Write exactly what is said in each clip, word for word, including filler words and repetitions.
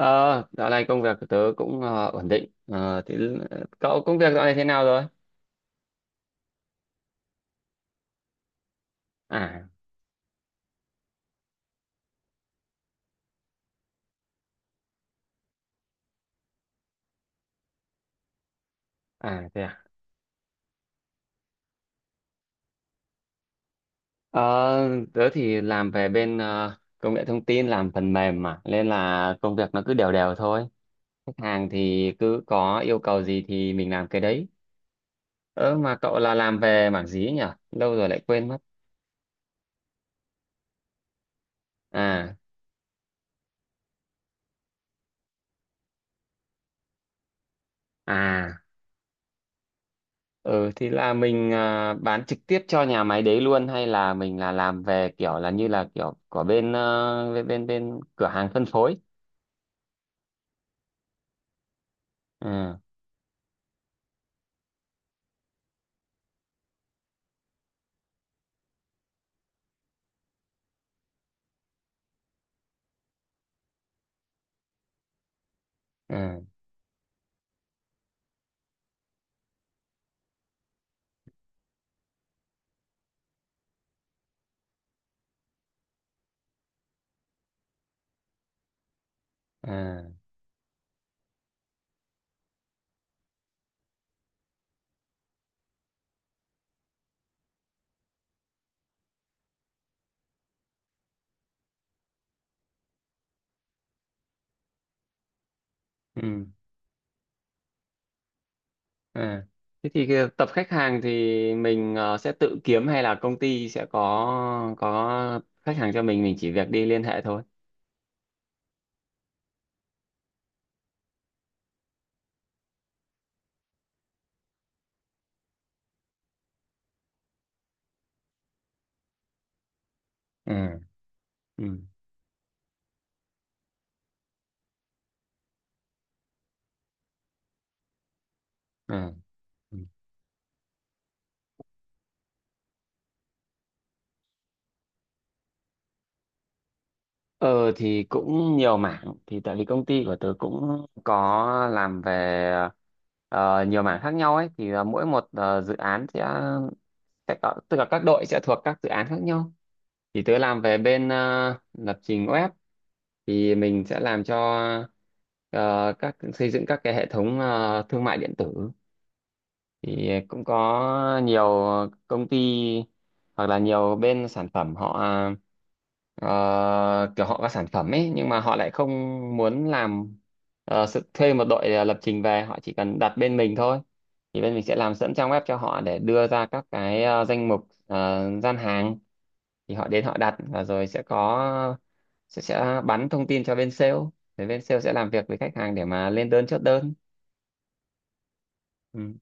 Ờ, Dạo này công việc của tớ cũng ờ, ổn định. Ờ, thì cậu công việc dạo này thế nào rồi? À, à thế à. Ờ, Tớ thì làm về bên ờ, công nghệ thông tin, làm phần mềm mà, nên là công việc nó cứ đều đều thôi. Khách hàng thì cứ có yêu cầu gì thì mình làm cái đấy. Ơ mà cậu là làm về mảng gì ấy nhỉ? Lâu rồi lại quên mất. À, à. Ừ thì là mình à, bán trực tiếp cho nhà máy đấy luôn hay là mình là làm về kiểu là như là kiểu của bên ờ, bên bên, bên cửa hàng phân phối. À, à, à, ừ, à. Thế thì cái tập khách hàng thì mình ờ, sẽ tự kiếm hay là công ty sẽ có có khách hàng cho mình mình chỉ việc đi liên hệ thôi. Ừ, ừ, à, ừ. Ờ thì cũng nhiều mảng thì tại vì công ty của tớ cũng có làm về ờ, nhiều mảng khác nhau ấy, thì là mỗi một ờ, dự án sẽ, sẽ có, tức là các đội sẽ thuộc các dự án khác nhau. Thì tớ làm về bên ờ, lập trình web, thì mình sẽ làm cho ờ, các xây dựng các cái hệ thống ờ, thương mại điện tử. Thì cũng có nhiều công ty hoặc là nhiều bên sản phẩm họ ờ, kiểu họ có sản phẩm ấy, nhưng mà họ lại không muốn làm ờ, sự thuê một đội ờ, lập trình về, họ chỉ cần đặt bên mình thôi. Thì bên mình sẽ làm sẵn trang web cho họ để đưa ra các cái ờ, danh mục, ờ, gian hàng. Thì họ đến họ đặt, và rồi sẽ có sẽ sẽ bắn thông tin cho bên sale để bên sale sẽ làm việc với khách hàng để mà lên đơn, chốt đơn. Ừ.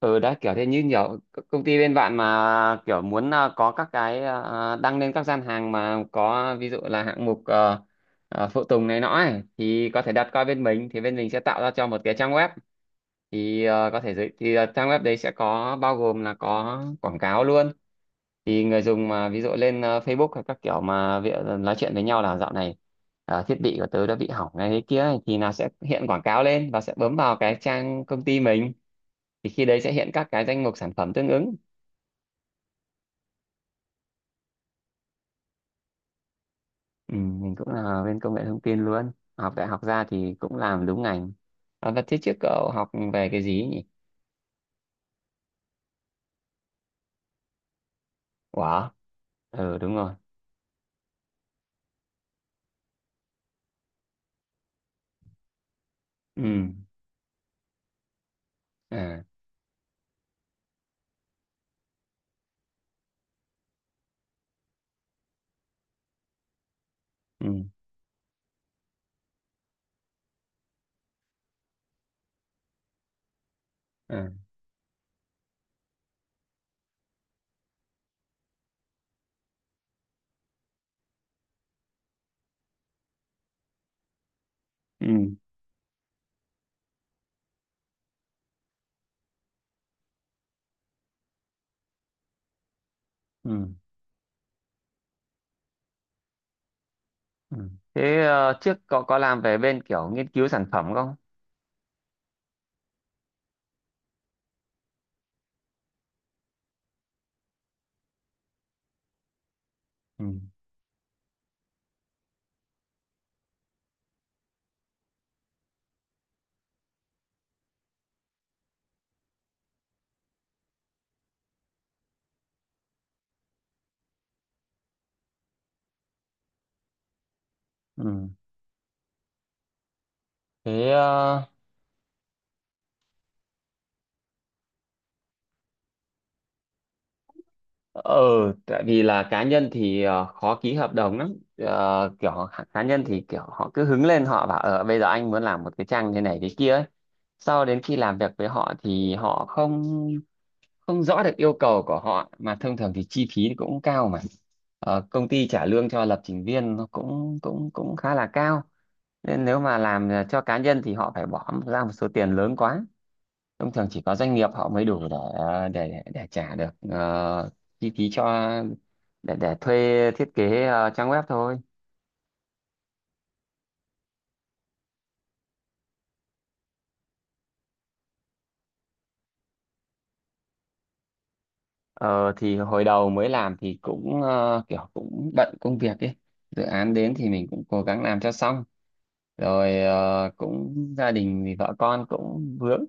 Ừ, đấy kiểu thế, như nhiều công ty bên bạn mà kiểu muốn à, có các cái à, đăng lên các gian hàng, mà có ví dụ là hạng mục ờ, ờ, phụ tùng này nọ ấy, thì có thể đặt qua bên mình, thì bên mình sẽ tạo ra cho một cái trang web. Thì ờ, có thể giới thì ờ, trang web đấy sẽ có bao gồm là có quảng cáo luôn. Thì người dùng mà ví dụ lên ờ, Facebook hay các kiểu mà việc nói chuyện với nhau là dạo này ờ, thiết bị của tớ đã bị hỏng này thế kia ấy, thì là sẽ hiện quảng cáo lên, và sẽ bấm vào cái trang công ty mình, thì khi đấy sẽ hiện các cái danh mục sản phẩm tương ứng. Ừ, mình cũng là bên công nghệ thông tin luôn. Học đại học ra thì cũng làm đúng ngành. À, và thế trước cậu học về cái gì nhỉ? Quả, ừ đúng rồi, ừ, à, ừ, à, ừ, ừ, ừ. Thế ờ, trước cậu có làm về bên kiểu nghiên cứu sản phẩm không? Ừ, ừ, thế ờ, ờ, tại vì là cá nhân thì ờ, khó ký hợp đồng lắm. Ờ, kiểu họ- cá nhân thì kiểu họ cứ hứng lên họ bảo ờ bây giờ anh muốn làm một cái trang thế này thế kia ấy. Sau đến khi làm việc với họ thì họ không không rõ được yêu cầu của họ, mà thông thường thì chi phí cũng cao mà. Ờ, công ty trả lương cho lập trình viên nó cũng cũng cũng khá là cao. Nên nếu mà làm ờ, cho cá nhân thì họ phải bỏ ra một số tiền lớn quá, thông thường chỉ có doanh nghiệp họ mới đủ để để để trả được ờ, chi phí cho để để thuê thiết kế ờ, trang web thôi. ờ, thì hồi đầu mới làm thì cũng ờ, kiểu cũng bận công việc ấy, dự án đến thì mình cũng cố gắng làm cho xong. Rồi ờ, cũng gia đình thì vợ con cũng vướng,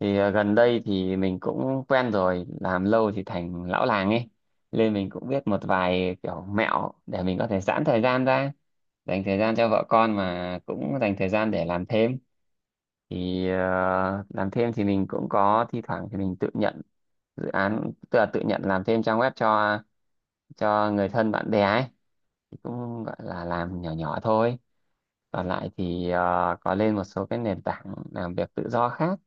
thì à, gần đây thì mình cũng quen rồi, làm lâu thì thành lão làng ấy, nên mình cũng biết một vài kiểu mẹo để mình có thể giãn thời gian ra, dành thời gian cho vợ con mà cũng dành thời gian để làm thêm. Thì ờ, làm thêm thì mình cũng có, thi thoảng thì mình tự nhận dự án, tức là tự nhận làm thêm trang web cho cho người thân bạn bè ấy, thì cũng gọi là làm nhỏ nhỏ thôi. Còn lại thì ờ, có lên một số cái nền tảng làm việc tự do khác,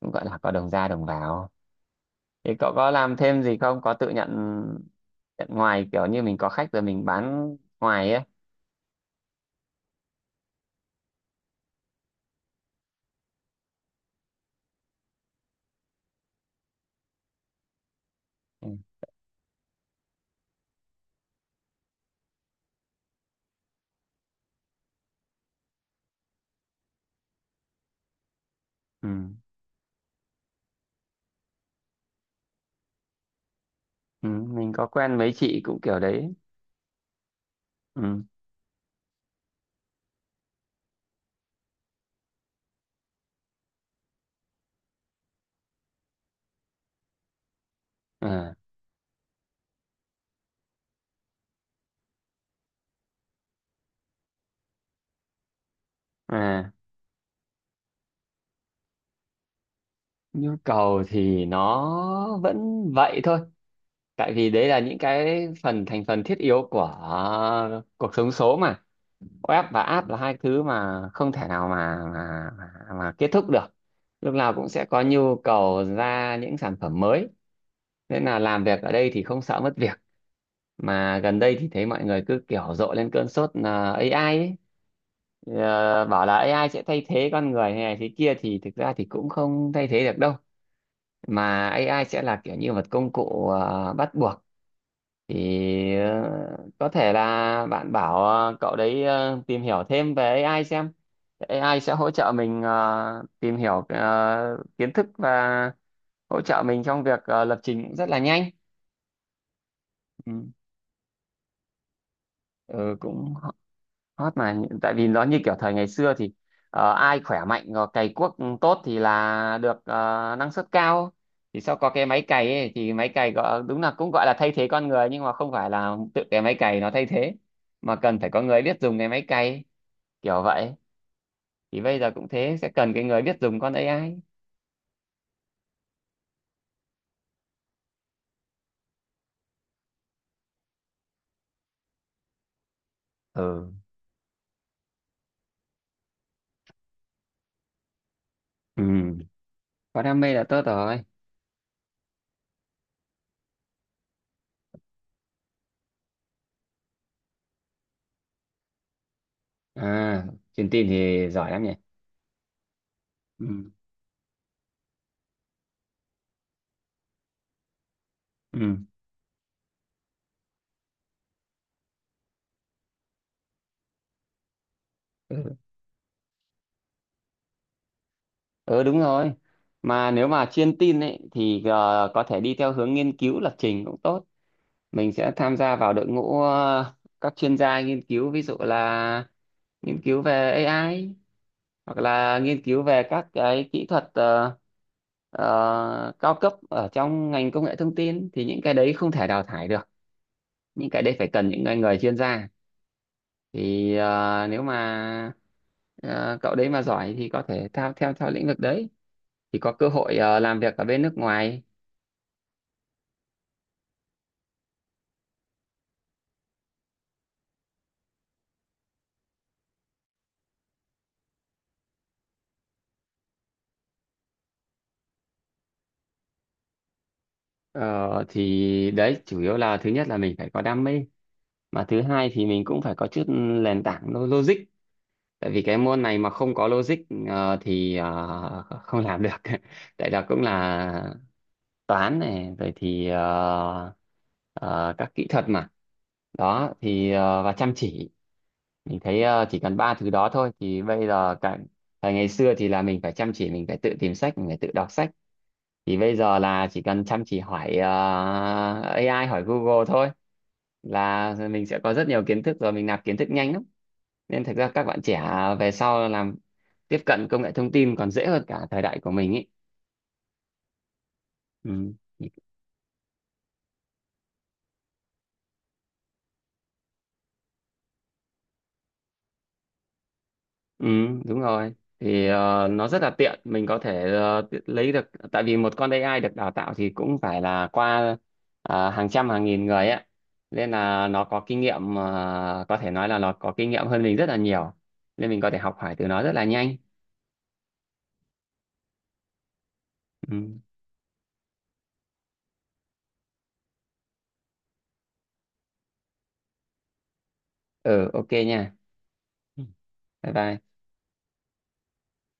cũng gọi là có đồng ra đồng vào. Thì cậu có làm thêm gì không? Có tự nhận, nhận ngoài kiểu như mình có khách rồi mình bán ngoài ấy. Ừ. Ừ. Ừ. Mình có quen mấy chị cũng kiểu đấy. Ừ. À. À. Nhu cầu thì nó vẫn vậy thôi. Tại vì đấy là những cái phần thành phần thiết yếu của cuộc sống số mà. Web và app là hai thứ mà không thể nào mà mà mà, mà kết thúc được. Lúc nào cũng sẽ có nhu cầu ra những sản phẩm mới. Nên là làm việc ở đây thì không sợ mất việc. Mà gần đây thì thấy mọi người cứ kiểu rộ lên cơn sốt là a i ấy. Ờ, bảo là a i sẽ thay thế con người hay này thế kia, thì thực ra thì cũng không thay thế được đâu, mà a i sẽ là kiểu như một công cụ ờ, bắt buộc. Thì ờ, có thể là bạn bảo ờ, cậu đấy ờ, tìm hiểu thêm về a i xem, a i sẽ hỗ trợ mình ờ, tìm hiểu ờ, kiến thức, và hỗ trợ mình trong việc ờ, lập trình cũng rất là nhanh. Ừ, ừ, cũng hot mà Nhị- tại vì nó như kiểu thời ngày xưa thì ờ, ai khỏe mạnh rồi cày cuốc tốt thì là được ờ, năng suất cao. Thì sau có cái máy cày ấy, thì máy cày gọi, đúng là cũng gọi là thay thế con người, nhưng mà không phải là tự cái máy cày nó thay thế, mà cần phải có người biết dùng cái máy cày, kiểu vậy. Thì bây giờ cũng thế, sẽ cần cái người biết dùng con a i. Ừ, ừ, có đam mê là tốt rồi. À, truyền tin thì giỏi lắm nhỉ. Ừ, ừ. Ừ đúng rồi. Mà nếu mà chuyên tin ấy thì ờ, có thể đi theo hướng nghiên cứu lập trình cũng tốt. Mình sẽ tham gia vào đội ngũ ờ, các chuyên gia nghiên cứu, ví dụ là nghiên cứu về a i hoặc là nghiên cứu về các cái kỹ thuật ờ, ờ, cao cấp ở trong ngành công nghệ thông tin, thì những cái đấy không thể đào thải được. Những cái đấy phải cần những người, người chuyên gia. Thì ờ, nếu mà ờ, cậu đấy mà giỏi thì có thể theo theo theo lĩnh vực đấy, thì có cơ hội ờ, làm việc ở bên nước ngoài. Ờ, thì đấy chủ yếu là thứ nhất là mình phải có đam mê, mà thứ hai thì mình cũng phải có chút nền tảng lo- logic. Tại vì cái môn này mà không có logic ờ, thì ờ, không làm được tại là cũng là toán này rồi thì ờ, ờ, các kỹ thuật mà đó. Thì ờ, và chăm chỉ, mình thấy ờ, chỉ cần ba thứ đó thôi thì bây giờ cả. Thời ngày xưa thì là mình phải chăm chỉ, mình phải tự tìm sách, mình phải tự đọc sách, thì bây giờ là chỉ cần chăm chỉ hỏi ờ, a i, hỏi Google thôi, là mình sẽ có rất nhiều kiến thức, rồi mình nạp kiến thức nhanh lắm. Nên thật ra các bạn trẻ về sau làm tiếp cận công nghệ thông tin còn dễ hơn cả thời đại của mình ý. Ừ. Ừ đúng rồi. Thì ờ, nó rất là tiện, mình có thể ờ, ti- lấy được, tại vì một con a i được đào tạo thì cũng phải là qua ờ, hàng trăm hàng nghìn người ấy, nên là nó có kinh nghiệm, ờ, có thể nói là nó có kinh nghiệm hơn mình rất là nhiều, nên mình có thể học hỏi từ nó rất là nhanh. Ừ, ừ ok nha. Ừ. Bye bye.